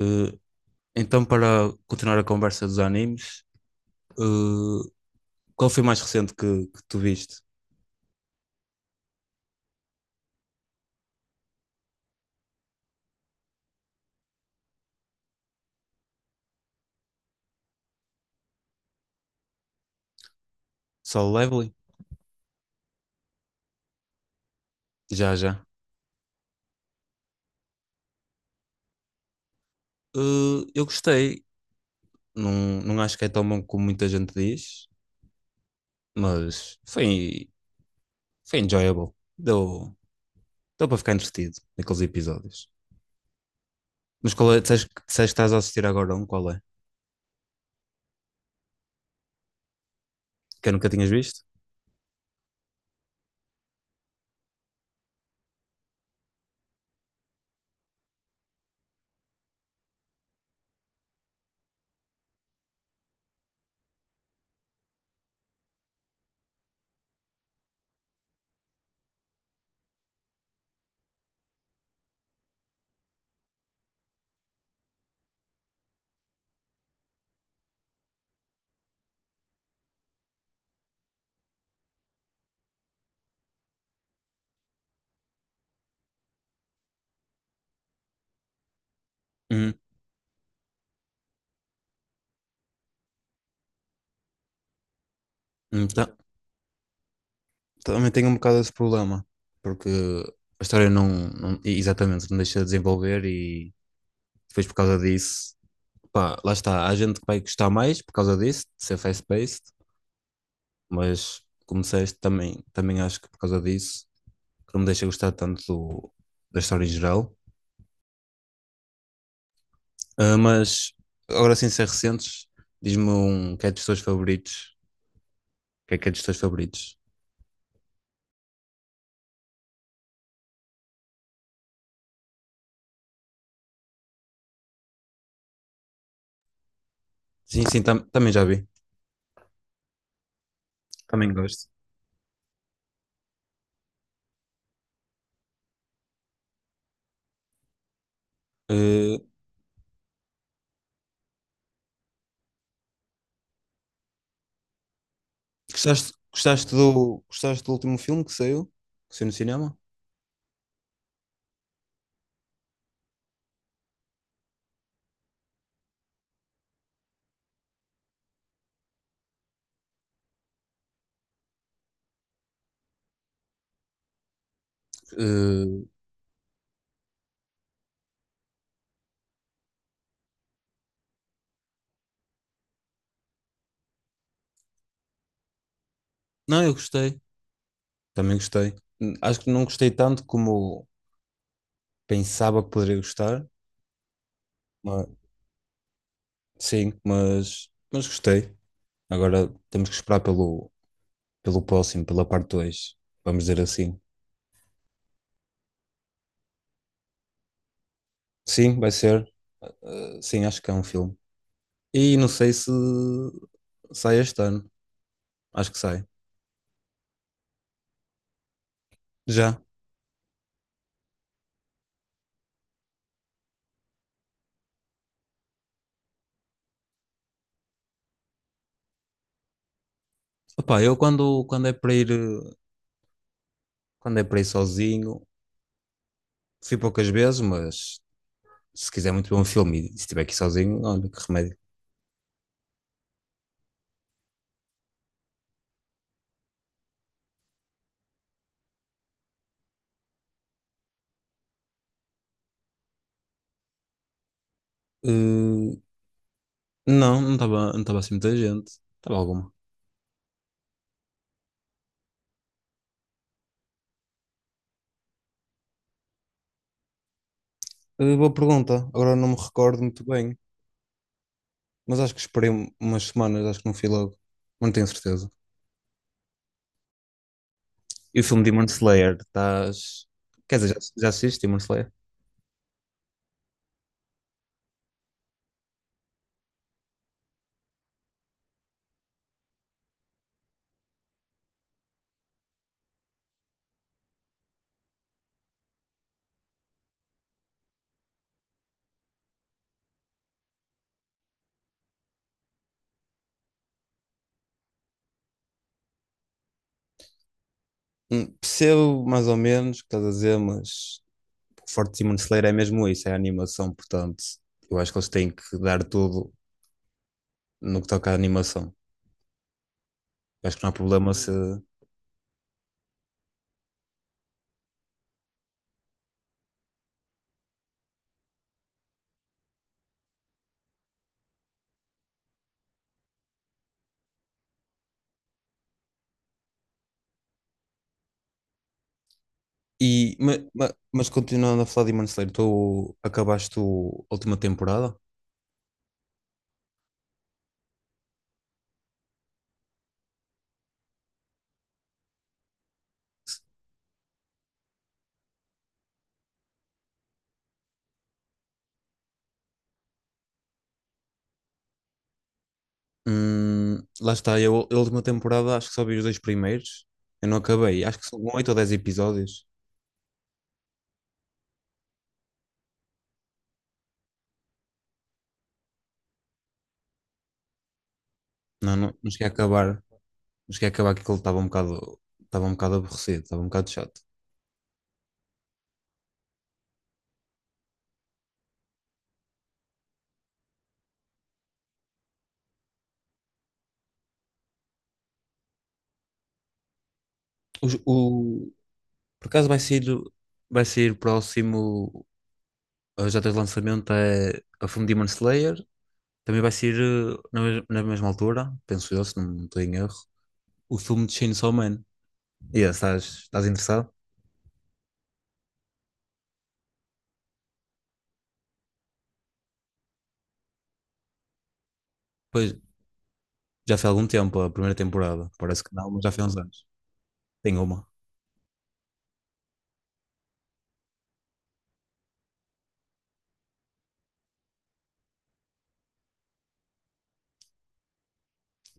Eh, Para continuar a conversa dos animes, eh, qual foi o mais recente que tu viste? Solo Leveling? Já, já. Eu gostei. Não, não acho que é tão bom como muita gente diz, mas foi, foi enjoyable. Deu, Deu para ficar entretido naqueles episódios. Mas qual é? Disseste que estás a assistir agora um? Qual é? Que eu nunca tinhas visto? Hum, então, também tenho um bocado desse problema, porque a história não exatamente não deixa de desenvolver e depois, por causa disso, pá, lá está. Há gente que vai gostar mais por causa disso, de ser fast-paced, mas como disseste, também acho que por causa disso, que não me deixa gostar tanto da história em geral. Ah, mas agora sem ser recentes, diz-me um que é dos teus favoritos. O que é dos teus favoritos? Sim, sim, também já vi. Também gosto. Eh, Gostaste, gostaste do último filme que saiu? Que saiu no cinema? Eh, não, eu gostei. Também gostei. Acho que não gostei tanto como pensava que poderia gostar. mas- sim, mas gostei. Agora temos que esperar pelo, pelo próximo, pela parte dois. Vamos dizer assim. Sim, vai ser. Sim, acho que é um filme. E não sei se sai este ano. Acho que sai. Já. Opá, eu quando é para ir, quando é para ir sozinho, fui poucas vezes, mas se quiser muito bom filme e se estiver aqui sozinho, olha que remédio. Uh, não, não estava assim muita gente. Estava alguma. Boa pergunta. Agora não me recordo muito bem, mas acho que esperei umas semanas, acho que não fui logo. Mas não tenho certeza. E o filme Demon Slayer, estás. Quer dizer, já assististe Demon Slayer? Percebo mais ou menos o que estás a dizer, mas o forte Demon Slayer é mesmo isso, é a animação, portanto, eu acho que eles têm que dar tudo no que toca à animação. Eu acho que não há problema se. E, mas, continuando a falar de Demon Slayer, tu acabaste a última temporada? Lá está, eu a última temporada acho que só vi os dois primeiros. Eu não acabei, acho que são oito ou dez episódios. Não, não, não cheguei a acabar. Não cheguei a acabar que aquilo estava um bocado aborrecido, estava um bocado chato. Os- O, Por acaso vai sair o próximo já de lançamento é a From Demon Slayer. Também vai sair na mesma altura, penso eu, se não estou em erro, o filme de Chainsaw Man. E yeah, estás interessado? Pois, já foi há algum tempo a primeira temporada. Parece que não, mas já foi há uns anos. Tem uma.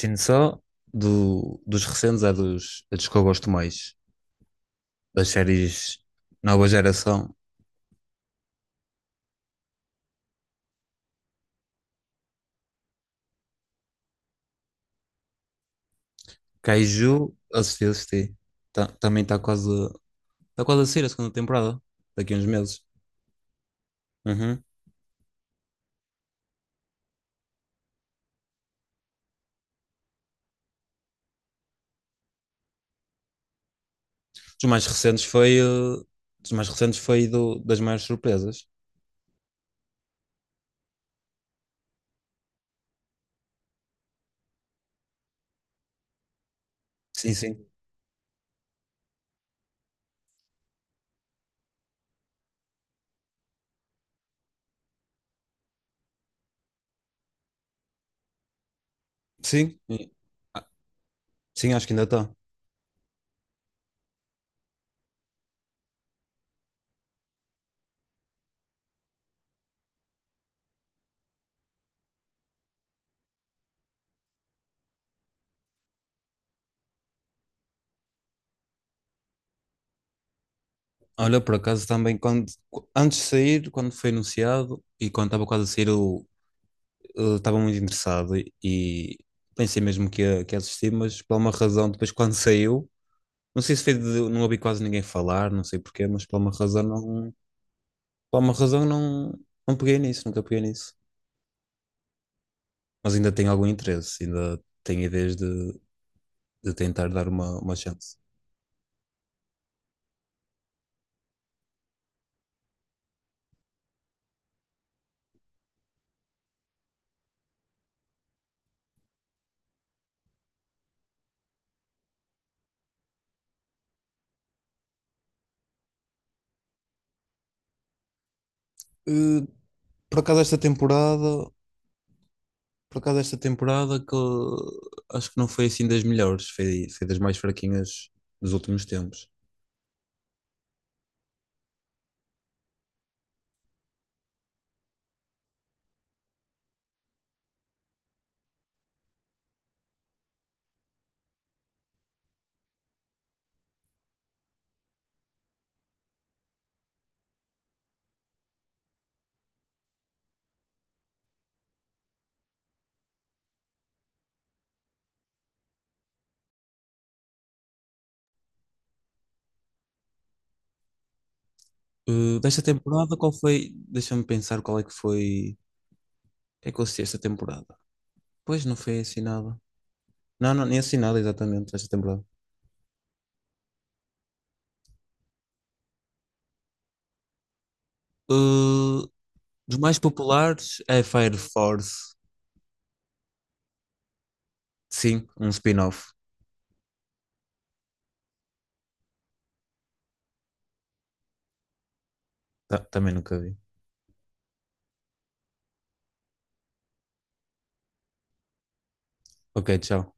Chainsaw, dos recentes, é dos que eu gosto mais. Das séries Nova Geração. Kaiju, assisti, assisti. Também está quase. Está quase a sair a segunda temporada, daqui a uns meses. Uhum. Dos mais recentes foi, eh, Dos mais recentes foi das maiores surpresas. Sim, sim. Sim, e- sim, acho que ainda está. Olha, por acaso também, antes de sair, quando foi anunciado e quando estava quase a sair, eu estava muito interessado e pensei mesmo que ia assistir, mas por uma razão, depois quando saiu, não sei se foi de, não ouvi quase ninguém falar, não sei porquê, mas por uma razão não, não peguei nisso, nunca peguei nisso. Mas ainda tenho algum interesse, ainda tenho ideias de tentar dar uma chance. Eh, por acaso esta temporada, por acaso esta temporada que acho que não foi assim das melhores, foi das mais fraquinhas dos últimos tempos. Eh, desta temporada, qual foi? Deixa-me pensar qual é que foi. Que é que eu assisti esta temporada? Pois não foi assinada. Não, não, nem assinada exatamente esta temporada. Uh, dos mais populares é Fire Force. Sim, um spin-off. Também nunca vi. Ok, tchau.